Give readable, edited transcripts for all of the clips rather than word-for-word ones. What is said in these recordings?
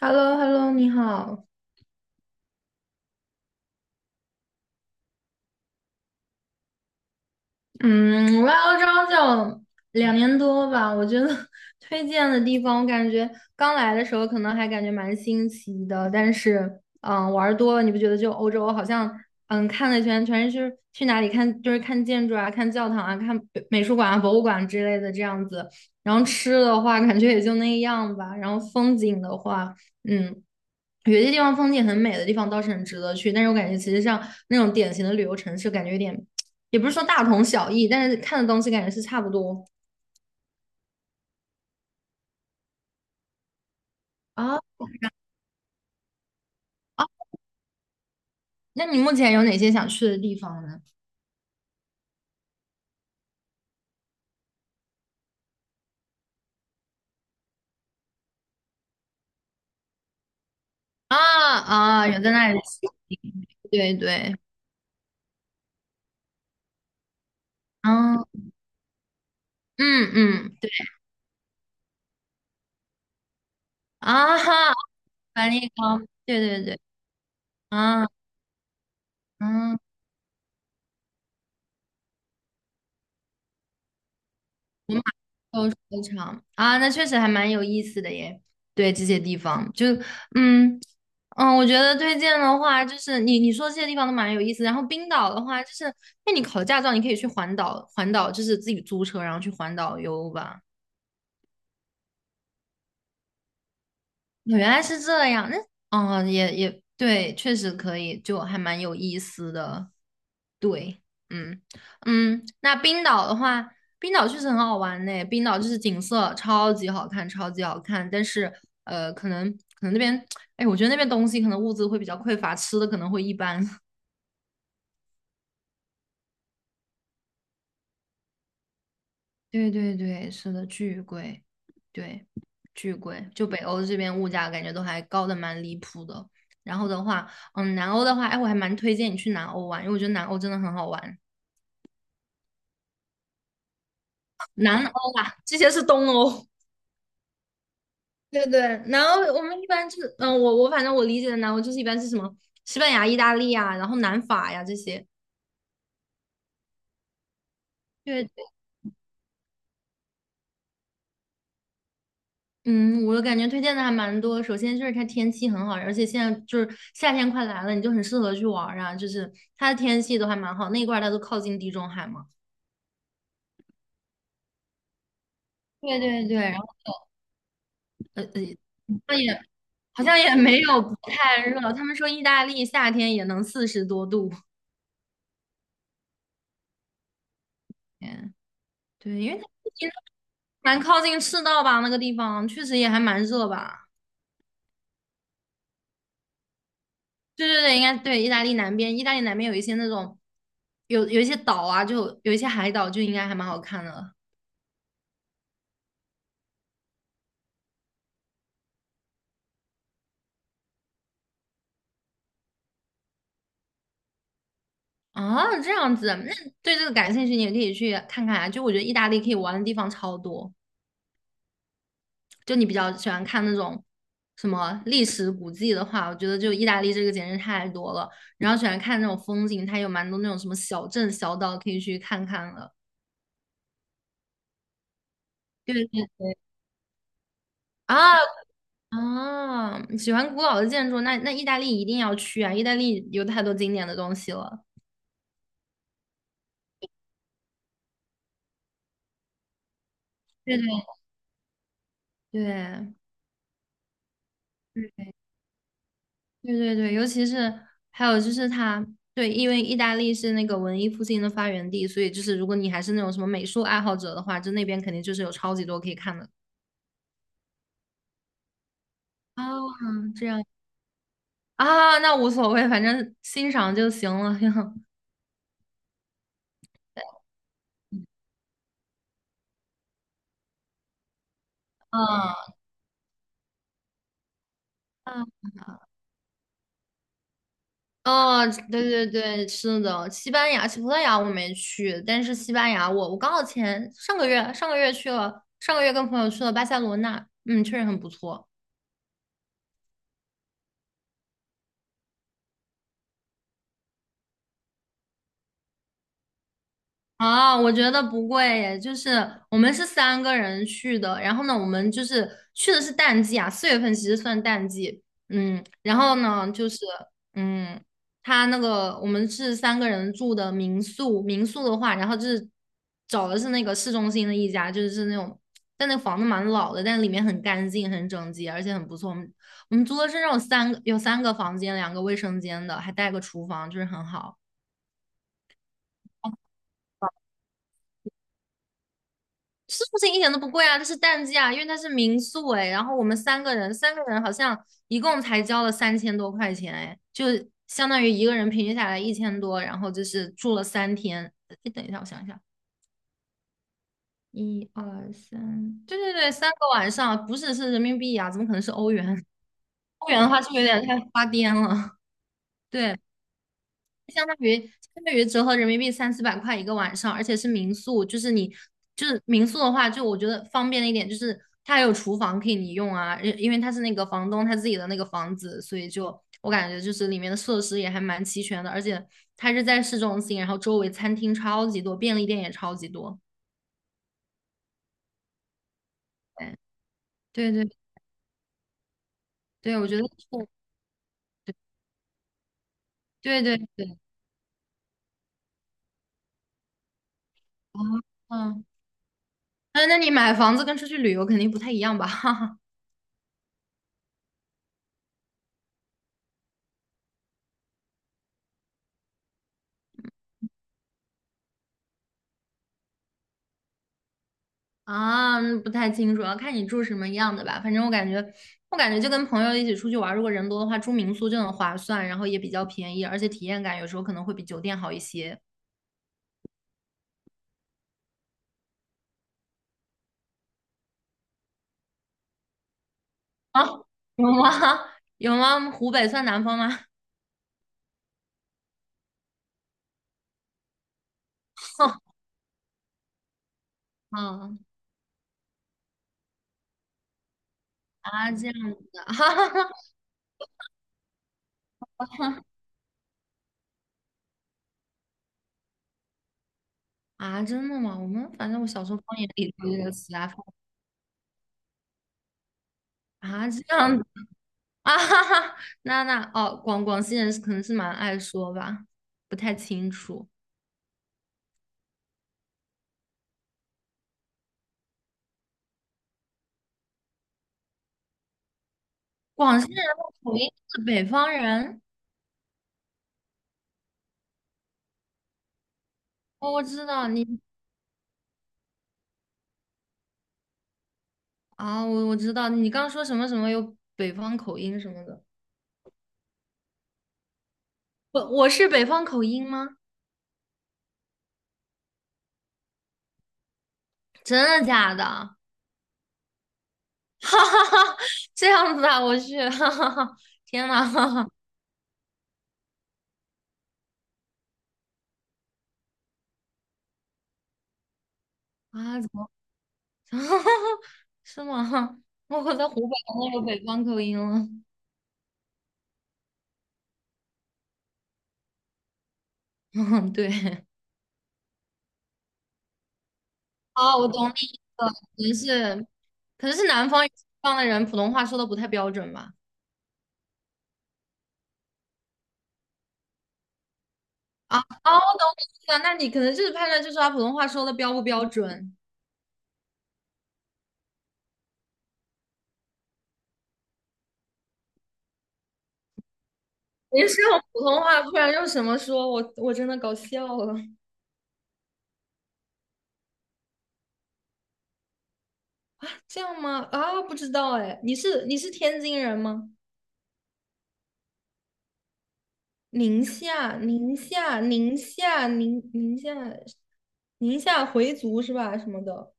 h e l l o h e l l o 你好。嗯，我来欧洲就2年多吧，我觉得 推荐的地方，我感觉刚来的时候可能还感觉蛮新奇的，但是，玩儿多了，你不觉得就欧洲好像，看了一圈全是去哪里看，就是看建筑啊、看教堂啊、看美术馆啊、博物馆之类的这样子。然后吃的话，感觉也就那样吧。然后风景的话，嗯。有些地方风景很美的地方倒是很值得去，但是我感觉其实像那种典型的旅游城市，感觉有点，也不是说大同小异，但是看的东西感觉是差不多。啊，啊。那你目前有哪些想去的地方呢？啊啊，有在那里骑 对对，啊，嗯嗯，对啊哈，梵蒂冈，对对对，啊嗯，我哦，非场啊，那确实还蛮有意思的耶。对这些地方，就嗯嗯，我觉得推荐的话，就是你说这些地方都蛮有意思。然后冰岛的话，就是那你考驾照，你可以去环岛，环岛就是自己租车，然后去环岛游吧。原来是这样，那哦，也对，确实可以，就还蛮有意思的。对，嗯嗯，那冰岛的话，冰岛确实很好玩呢。冰岛就是景色超级好看，超级好看。但是可能那边，哎，我觉得那边东西可能物资会比较匮乏，吃的可能会一般。对对对，是的，巨贵，对，巨贵。就北欧这边物价感觉都还高的蛮离谱的。然后的话，嗯，南欧的话，哎，我还蛮推荐你去南欧玩，因为我觉得南欧真的很好玩。南欧啊，这些是东欧。对对，南欧我们一般就是，嗯，我反正我理解的南欧就是一般是什么西班牙、意大利啊，然后南法呀这些。对嗯，我感觉推荐的还蛮多。首先就是它天气很好，而且现在就是夏天快来了，你就很适合去玩儿啊。就是它的天气都还蛮好，那一块儿它都靠近地中海嘛。对对对，然后呃呃，那也好像也没有不太热。他们说意大利夏天也能40多度。嗯，对，因为它毕竟蛮靠近赤道吧，那个地方确实也还蛮热吧。对对对，应该对。意大利南边，意大利南边有一些那种有一些岛啊，就有一些海岛，就应该还蛮好看的。啊，这样子，那对这个感兴趣，你也可以去看看啊。就我觉得意大利可以玩的地方超多。就你比较喜欢看那种什么历史古迹的话，我觉得就意大利这个简直太多了。然后喜欢看那种风景，它有蛮多那种什么小镇小岛可以去看看了。对对对啊啊，喜欢古老的建筑，那意大利一定要去啊！意大利有太多经典的东西了。对对对，对对对，尤其是还有就是它，对，因为意大利是那个文艺复兴的发源地，所以就是如果你还是那种什么美术爱好者的话，就那边肯定就是有超级多可以看的。啊，这样啊，那无所谓，反正欣赏就行了。嗯哦，对对对，是的，西班牙、西葡萄牙我没去，但是西班牙我刚好前上个月上个月去了，上个月跟朋友去了巴塞罗那，嗯，确实很不错。啊，我觉得不贵耶，就是我们是三个人去的，然后呢，我们就是去的是淡季啊，4月份其实算淡季，嗯，然后呢，就是嗯，他那个我们是三个人住的民宿，民宿的话，然后就是找的是那个市中心的一家，就是那种，但那房子蛮老的，但里面很干净、很整洁，而且很不错。我们租的是那种三个有三个房间、两个卫生间的，还带个厨房，就是很好。是不是一点都不贵啊？它是淡季啊，因为它是民宿哎。然后我们三个人，三个人好像一共才交了3000多块钱哎，就相当于一个人平均下来1000多，然后就是住了3天。你等一下，我想一下，一二三，对对对，3个晚上，不是是人民币啊，怎么可能是欧元？欧元的话是不是有点太发癫了？对，相当于相当于折合人民币300到400块一个晚上，而且是民宿，就是你就是民宿的话，就我觉得方便的一点就是它还有厨房可以你用啊，因为它是那个房东他自己的那个房子，所以就我感觉就是里面的设施也还蛮齐全的，而且它是在市中心，然后周围餐厅超级多，便利店也超级多。对对对对，我觉得是对对对对啊，嗯，那那你买房子跟出去旅游肯定不太一样吧？啊，不太清楚，要看你住什么样的吧。反正我感觉，我感觉就跟朋友一起出去玩儿如果人多的话，住民宿就很划算，然后也比较便宜，而且体验感有时候可能会比酒店好一些。啊，有吗？有吗？湖北算南方吗？啊啊，这样子的 啊，真的吗？我们反正我小时候方言里头这个词啊，啊，这样子 啊，哈哈，那那哦，广西人是可能是蛮爱说吧，不太清楚。广西人的口音是北方人，哦，我知道你啊，我知道你刚说什么什么有北方口音什么的，我是北方口音吗？真的假的？哈哈哈，这样子啊，我去，哈哈哈，天哪，啊，怎么，是吗？我在湖北我有北方口音了，嗯，对，啊，我懂你意思了，可能是南方的人普通话说的不太标准吧。啊，哦，我懂你意思了。那你可能就是判断，就是他普通话说的标不标准。你是用普通话，不然用什么说？我真的搞笑了。这样吗？啊，不知道哎。你是天津人吗？宁夏，宁夏，宁夏，宁夏，宁夏回族是吧？什么的？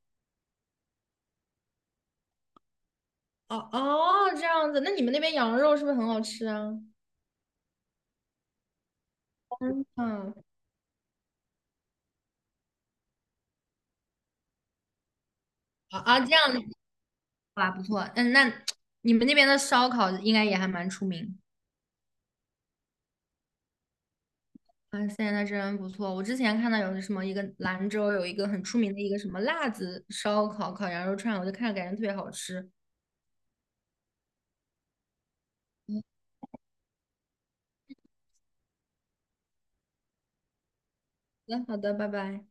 哦哦，这样子。那你们那边羊肉是不是很好吃啊？嗯，啊啊，这样子，啊，不错。嗯，那你们那边的烧烤应该也还蛮出名。啊，现在真不错！我之前看到有什么一个兰州有一个很出名的一个什么辣子烧烤烤羊肉串，我就看着感觉特别好吃。好的，好的，拜拜。